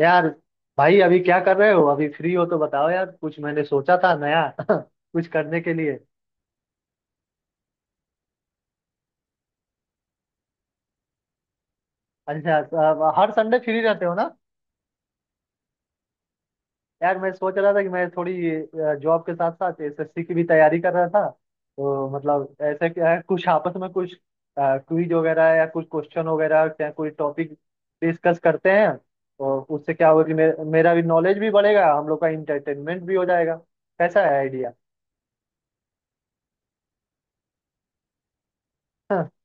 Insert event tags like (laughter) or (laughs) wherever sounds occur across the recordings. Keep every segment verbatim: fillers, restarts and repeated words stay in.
यार भाई अभी क्या कर रहे हो? अभी फ्री हो तो बताओ यार, कुछ मैंने सोचा था नया (laughs) कुछ करने के लिए। अच्छा, अब हर संडे फ्री रहते हो ना। यार मैं सोच रहा था कि मैं थोड़ी जॉब के साथ साथ एसएससी की भी तैयारी कर रहा था, तो मतलब ऐसा क्या है कुछ आपस में कुछ क्विज वगैरह या कुछ क्वेश्चन वगैरह या कोई टॉपिक डिस्कस करते हैं। और उससे क्या होगा कि मे, मेरा भी नॉलेज भी बढ़ेगा, हम लोग का इंटरटेनमेंट भी हो जाएगा। कैसा है आइडिया? (laughs)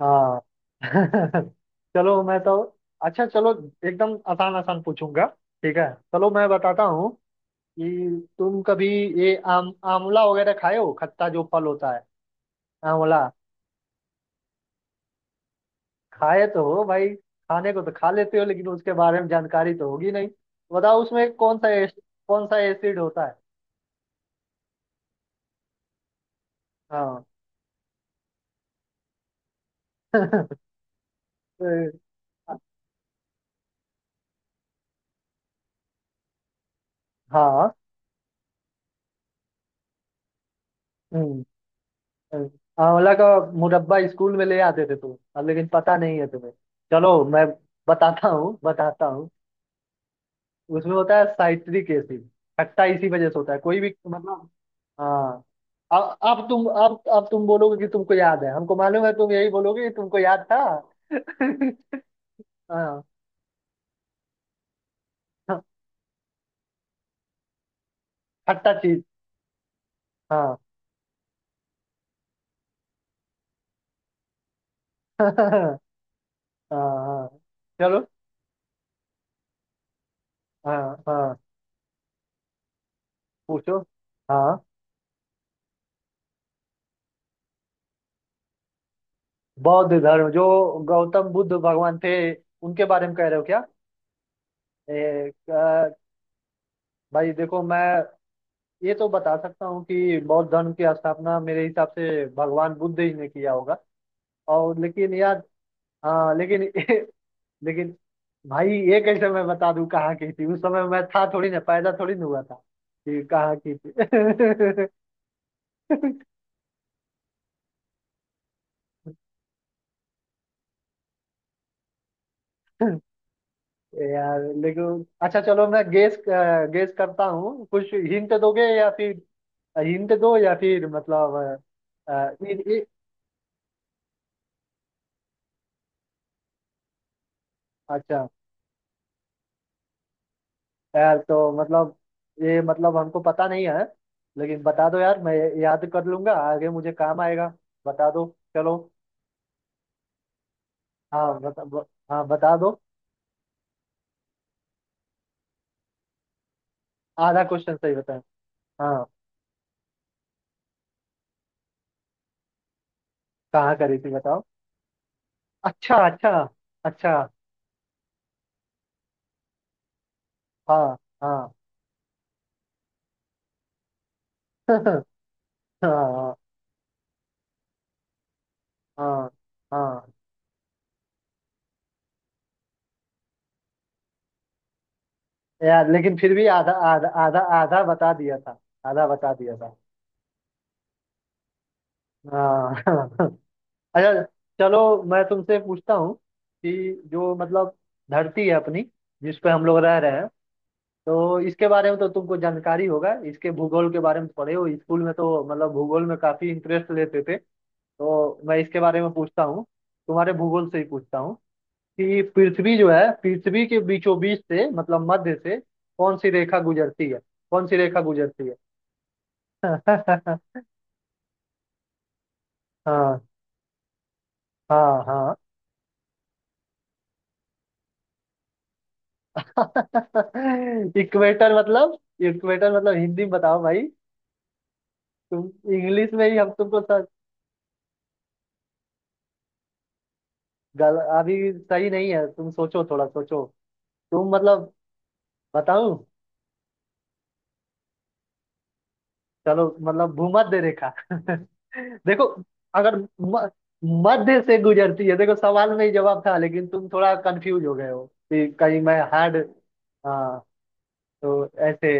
हाँ। (laughs) चलो मैं तो। अच्छा चलो, एकदम आसान आसान पूछूंगा। ठीक है, चलो मैं बताता हूँ कि तुम कभी ये आम आंवला वगैरह खाए हो, खट्टा जो फल होता है, आंवला। खाए तो हो भाई। खाने को तो खा लेते हो लेकिन उसके बारे में जानकारी तो होगी नहीं। बताओ उसमें कौन सा एस, कौन सा एसिड होता है। हाँ। (laughs) तो- हाँ। हम्म, आंवला का मुरब्बा स्कूल में ले आते थे तुम, अब लेकिन पता नहीं है तुम्हें। चलो मैं बताता हूँ बताता हूँ, उसमें होता है साइट्रिक एसिड। खट्टा इसी वजह से होता है, कोई भी मतलब। हाँ। अब अब तुम अब अब तुम बोलोगे कि तुमको याद है, हमको मालूम है, तुम यही बोलोगे कि तुमको याद था। (laughs) हाँ। हाँ, खट्टा चीज। हाँ। (laughs) हाँ। हाँ चलो। हाँ। हाँ पूछो। हाँ। बौद्ध धर्म जो, गौतम बुद्ध भगवान थे, उनके बारे में कह रहे हो क्या? एक, अ, भाई देखो, मैं ये तो बता सकता हूँ कि बौद्ध धर्म की स्थापना मेरे हिसाब से भगवान बुद्ध ही ने किया होगा, और लेकिन यार। हाँ लेकिन (laughs) लेकिन भाई, ये कैसे मैं बता दूँ कहाँ की थी? उस समय मैं था थोड़ी ना, पैदा थोड़ी ना हुआ था कि कहाँ की थी। (laughs) यार लेकिन, अच्छा चलो, मैं गेस, गेस करता हूँ, कुछ हिंट दोगे या फिर, हिंट दो या फिर मतलब अ, अ, इ, इ, अच्छा। यार तो मतलब ये मतलब हमको पता नहीं है, लेकिन बता दो यार, मैं याद कर लूंगा, आगे मुझे काम आएगा। बता दो। चलो। हाँ बता ब, हाँ बता दो। आधा क्वेश्चन सही बताए? हाँ। कहाँ करी थी बताओ? अच्छा अच्छा। अच्छा। हाँ। हाँ। (laughs) हाँ। हाँ। हाँ। हाँ। यार लेकिन फिर भी आधा आधा आधा आधा बता दिया था। आधा बता दिया था। हाँ। (laughs) अच्छा, चलो मैं तुमसे पूछता हूँ कि जो मतलब धरती है अपनी, जिस पे हम लोग रह रहे हैं, तो इसके बारे में तो तुमको जानकारी होगा, इसके भूगोल के बारे में तो पढ़े हो स्कूल में, तो मतलब भूगोल में काफी इंटरेस्ट लेते थे, तो मैं इसके बारे में पूछता हूँ। तुम्हारे भूगोल से ही पूछता हूँ कि पृथ्वी जो है, पृथ्वी के बीचों बीच से, मतलब मध्य से कौन सी रेखा गुजरती है? कौन सी रेखा गुजरती है? (laughs) हाँ। हाँ। हाँ। (laughs) इक्वेटर मतलब, इक्वेटर मतलब हिंदी में बताओ भाई। तुम इंग्लिश में ही हम तुमको सर गल अभी सही नहीं है, तुम सोचो, थोड़ा सोचो, तुम मतलब, बताऊं? चलो, मतलब भूमध्य रेखा। (laughs) देखो, अगर म, मध्य से गुजरती है, देखो सवाल में ही जवाब था, लेकिन तुम थोड़ा कंफ्यूज हो गए हो कि कहीं मैं हार्ड। हाँ, तो ऐसे।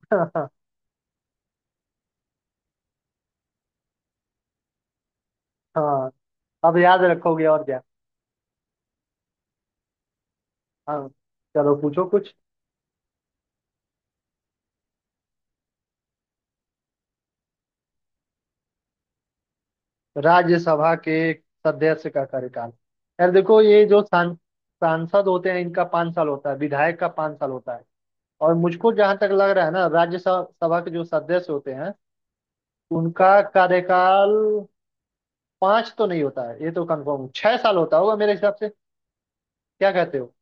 (laughs) हाँ। अब याद रखोगे और क्या। हाँ चलो, पूछो कुछ। राज्यसभा के सदस्य का कार्यकाल? यार देखो, ये जो सांस- सांसद होते हैं, इनका पाँच साल होता है, विधायक का पाँच साल होता है, और मुझको जहां तक लग रहा है ना, राज्यसभा सभा के जो सदस्य होते हैं, उनका कार्यकाल पाँच तो नहीं होता है, ये तो कंफर्म छह साल होता होगा मेरे हिसाब से। क्या कहते हो?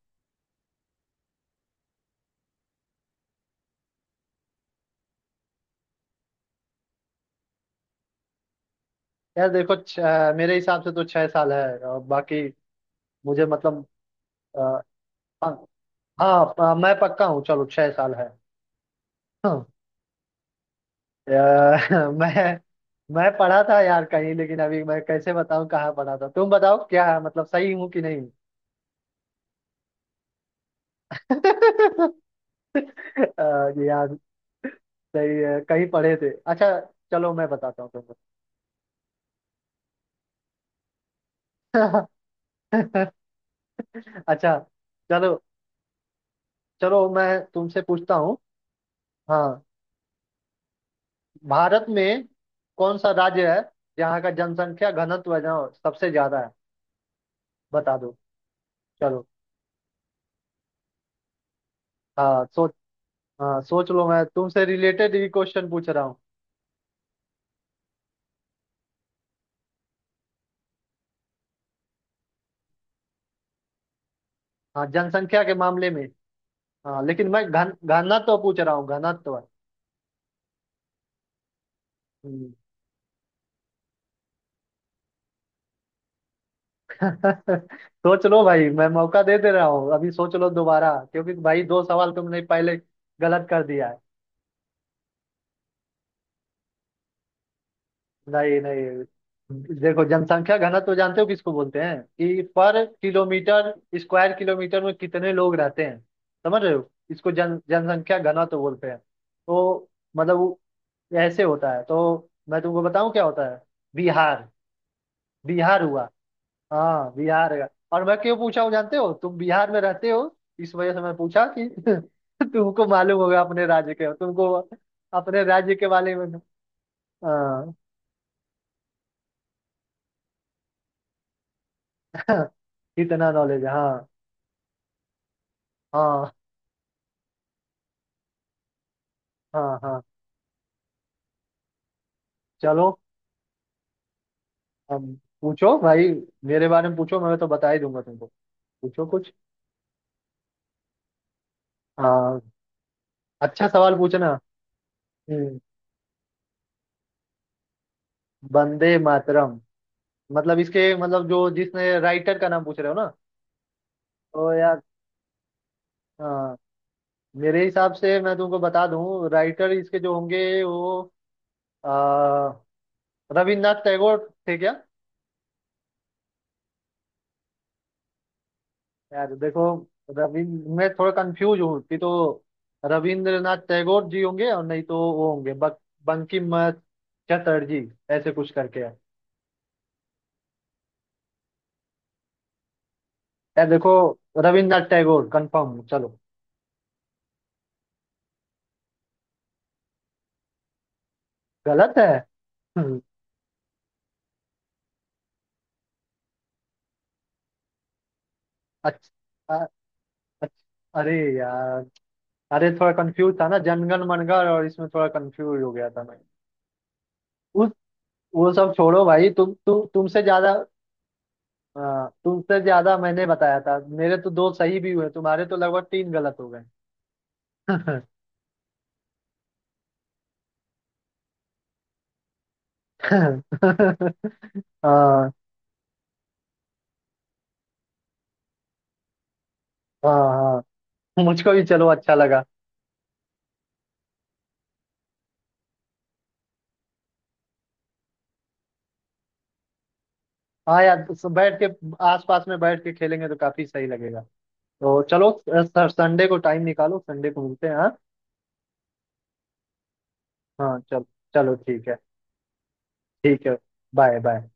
यार देखो छ- मेरे हिसाब से तो छह साल है, और बाकी मुझे मतलब अ, हाँ। हाँ, मैं पक्का हूँ, चलो छह साल है। हाँ। अ, (laughs) मैं मैं पढ़ा था यार कहीं, लेकिन अभी मैं कैसे बताऊं कहाँ पढ़ा था। तुम बताओ क्या है, मतलब सही हूँ कि नहीं? (laughs) अ, ये यार सही है, कहीं पढ़े थे। अच्छा चलो मैं बताता हूँ तुमको। (laughs) अच्छा चलो चलो मैं तुमसे पूछता हूँ। हाँ, भारत में कौन सा राज्य है जहाँ का जनसंख्या घनत्व है, जहाँ सबसे ज्यादा है? बता दो। चलो। हाँ सोच। हाँ सोच लो, मैं तुमसे रिलेटेड ही क्वेश्चन पूछ रहा हूँ। हाँ जनसंख्या के मामले में, हाँ लेकिन मैं घन घनत्व पूछ रहा हूँ, घनत्व। हम्म। (laughs) सोच लो भाई, मैं मौका दे दे रहा हूँ, अभी सोच लो दोबारा, क्योंकि भाई दो सवाल तुमने पहले गलत कर दिया है। नहीं नहीं देखो, जनसंख्या घनत्व जानते हो किसको बोलते हैं? कि पर किलोमीटर, स्क्वायर किलोमीटर में कितने लोग रहते हैं, समझ रहे हो? इसको जन जनसंख्या घनत्व बोलते हैं। तो मतलब वो ऐसे होता है, तो मैं तुमको बताऊं क्या होता है। बिहार। बिहार हुआ। हाँ बिहार का। और मैं क्यों पूछा हूँ जानते हो? तुम बिहार में रहते हो, इस वजह से मैं पूछा कि (laughs) तुमको मालूम होगा अपने राज्य के, तुमको अपने राज्य के बारे में। हाँ। (laughs) इतना नॉलेज। हाँ। हाँ। हाँ। हाँ चलो। अब पूछो भाई, मेरे बारे में पूछो, मैं तो बता ही दूंगा तुमको। पूछो कुछ। हाँ। अच्छा सवाल पूछना। हम्म। वंदे मातरम मतलब, इसके मतलब जो, जिसने राइटर का नाम पूछ रहे हो ना। तो यार, हाँ। मेरे हिसाब से मैं तुमको बता दूं, राइटर इसके जो होंगे वो आ, रविन्द्रनाथ टैगोर थे क्या? यार देखो, रविंद्र, मैं थोड़ा कंफ्यूज हूँ कि तो, रविंद्रनाथ टैगोर जी होंगे, और नहीं तो वो होंगे बक, बंकिम चटर्जी, ऐसे कुछ करके है। यार देखो, रविन्द्रनाथ टैगोर कंफर्म चलो। गलत है? हम्म। अच्छा अ- अच्छा, अरे यार। अरे थोड़ा कंफ्यूज था ना, जनगण मनगढ़ और इसमें थोड़ा कंफ्यूज हो गया था मैं। वो सब छोड़ो भाई, तुम तु, तुमसे ज्यादा, अ, तुमसे ज्यादा मैंने बताया था। मेरे तो दो सही भी हुए, तुम्हारे तो लगभग तीन गलत हो गए। (laughs) हाँ। हाँ। हाँ मुझको भी चलो अच्छा लगा। हाँ यार, तो बैठ के, आसपास में बैठ के खेलेंगे तो काफी सही लगेगा। तो चलो सर, संडे को टाइम निकालो, संडे को मिलते हैं हाँ। हाँ चलो। चलो ठीक है। ठीक है। Bye bye.